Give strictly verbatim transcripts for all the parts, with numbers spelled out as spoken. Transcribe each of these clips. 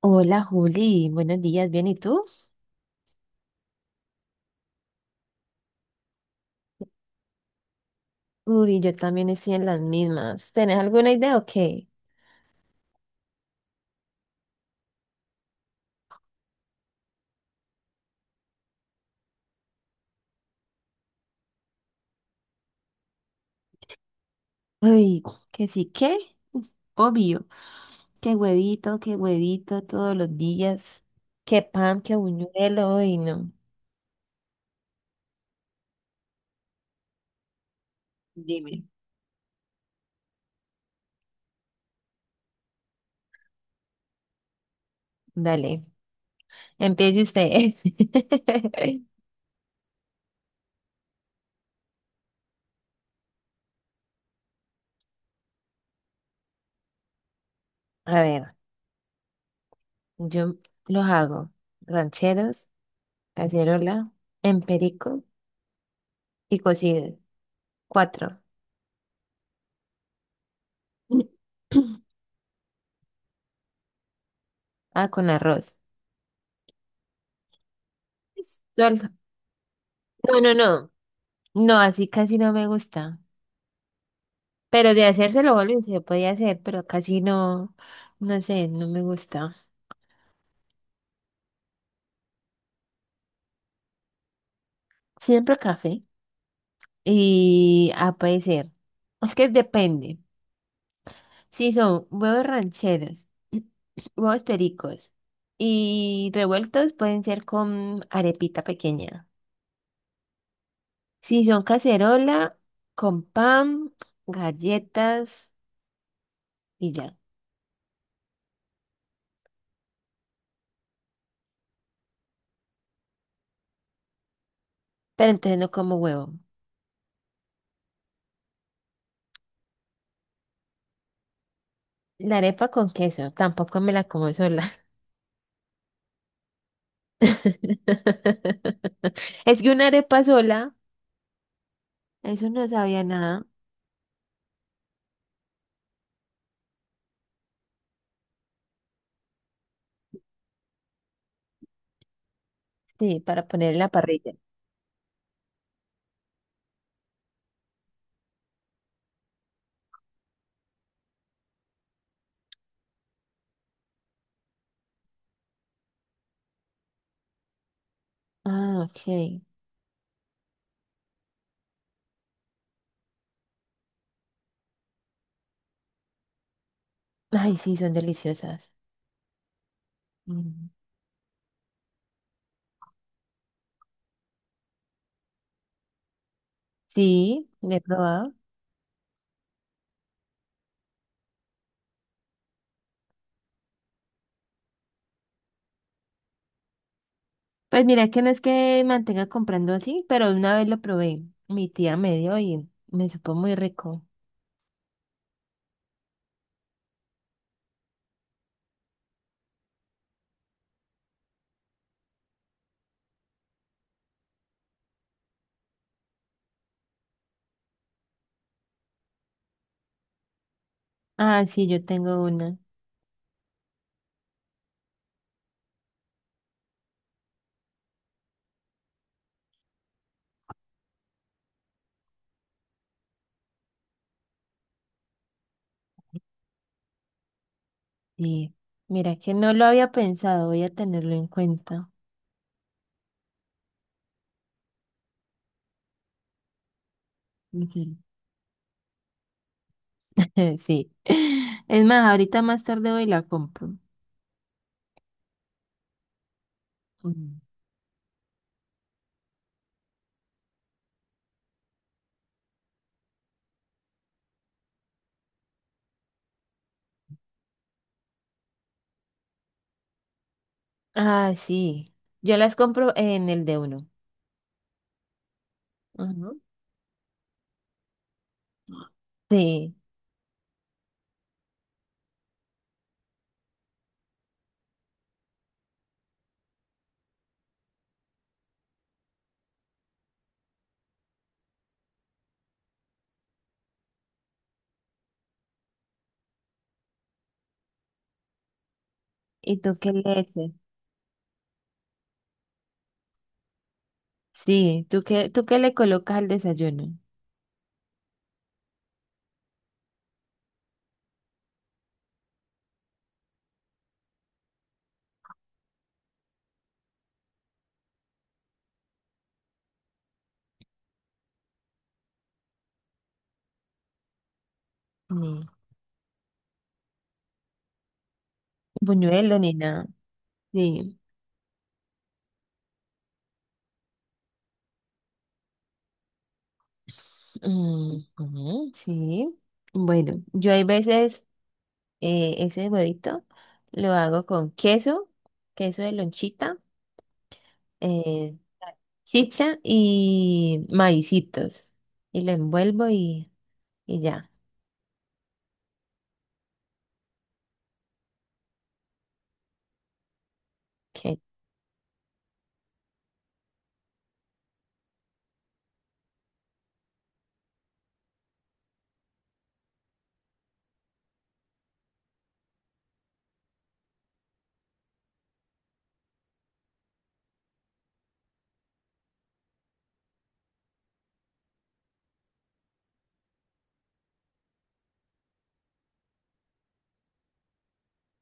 Hola Juli, buenos días, ¿bien y tú? Uy, yo también estoy en las mismas. ¿Tenés alguna idea o qué? Uy, que sí, ¿qué? Obvio, qué huevito, qué huevito todos los días, qué pan, qué buñuelo, uy, no. Dime. Dale, empiece usted. A ver, yo los hago rancheros, cacerola, emperico y cocido. Cuatro. Ah, con arroz. Sol- No, no, no. No, así casi no me gusta. Pero de hacérselo, volví, se podía hacer, pero casi no, no sé, no me gusta. Siempre café y a puede ser. Es que depende. Si son huevos rancheros, huevos pericos y revueltos, pueden ser con arepita pequeña. Si son cacerola, con pan, galletas y ya. Pero entonces no como huevo. La arepa con queso, tampoco me la como sola. Es que una arepa sola, eso no sabía nada. Sí, para poner en la parrilla. Ah, ok. Ay, sí, son deliciosas. Mm. Sí, le he probado. Pues mira que no es que mantenga comprando así, pero una vez lo probé. Mi tía me dio y me supo muy rico. Ah, sí, yo tengo una. Sí. Mira que no lo había pensado, voy a tenerlo en cuenta. Ujú. Sí. Es más, ahorita más tarde voy y la compro. Ah, sí. Yo las compro en el de uno. Ajá. Sí. ¿Y tú qué le echas? Sí. ¿Tú qué, tú qué le colocas al desayuno? Ni buñuelo ni nada. Sí. Mm, ujú, sí. Bueno, yo hay veces eh, ese huevito lo hago con queso, queso de lonchita, eh, chicha y maicitos. Y lo envuelvo y, y ya. que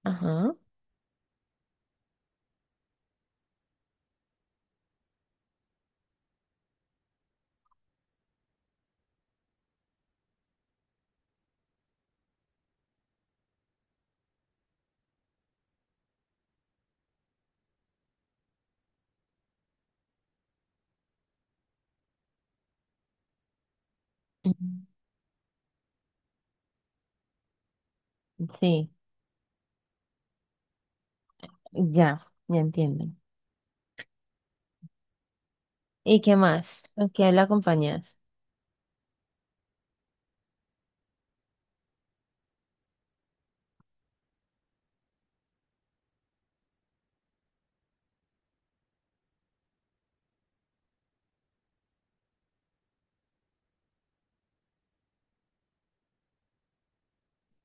Ajá. Ujú, sí. Ya, ya entiendo. ¿Y qué más? ¿Con qué la acompañas?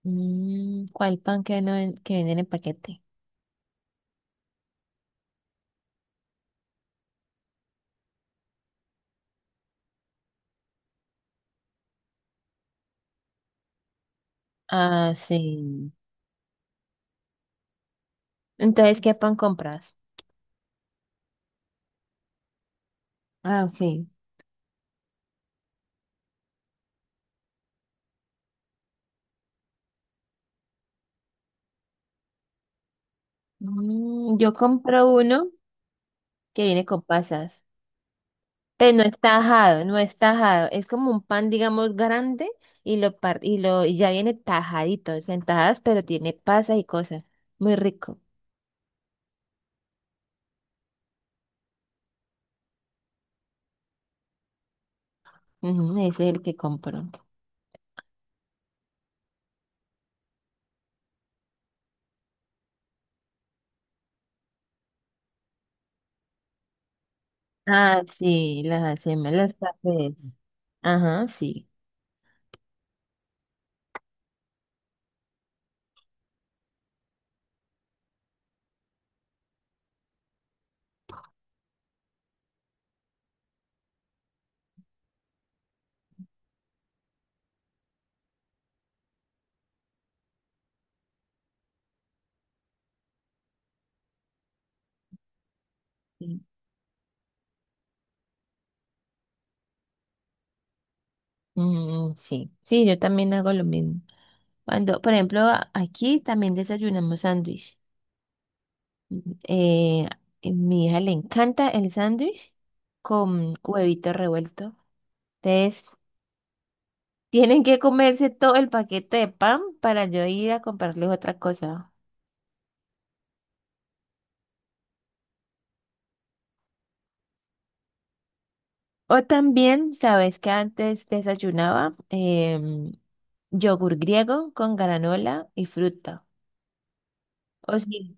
Mm, ¿cuál pan que, no ven- que venden en paquete? Ah, sí. Entonces, ¿qué pan compras? Ah, ok. Mm, yo compro uno que viene con pasas, pero no es tajado, no es tajado. Es como un pan, digamos, grande y lo par y lo y ya viene tajadito, o sea, en tajadas, pero tiene pasas y cosas. Muy rico. Ujú, ese es el que compro. Ah, sí, las alzheimer, los cafés. Ajá, sí. Sí, mm, sí, sí, yo también hago lo mismo. Cuando, por ejemplo, a- aquí también desayunamos sándwich. Mm. Eh, a mi hija le encanta el sándwich con huevito revuelto. Entonces, tienen que comerse todo el paquete de pan para yo ir a comprarles otra cosa. O también, ¿sabes que antes desayunaba? Em, yogur griego con granola y fruta. Oh, sí.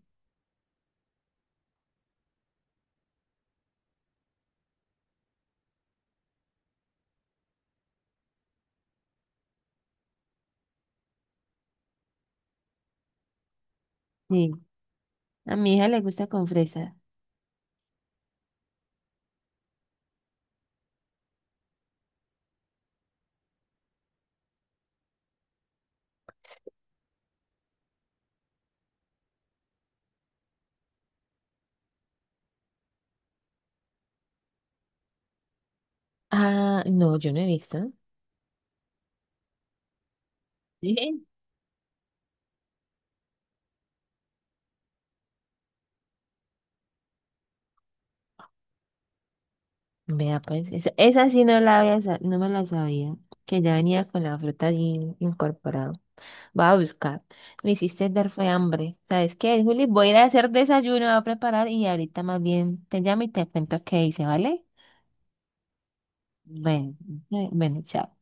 Sí. A mi hija le gusta con fresa. Ah, no, yo no he visto. Sí. Vea, pues, esa, esa sí no la había, sa- no me la sabía, que ya venía con la fruta allí incorporada. Voy a buscar. Me hiciste dar fue hambre. ¿Sabes qué, Juli? Voy a ir a hacer desayuno, voy a preparar y ahorita más bien te llamo y te cuento qué hice, ¿vale? Bueno, eh, bueno, chao.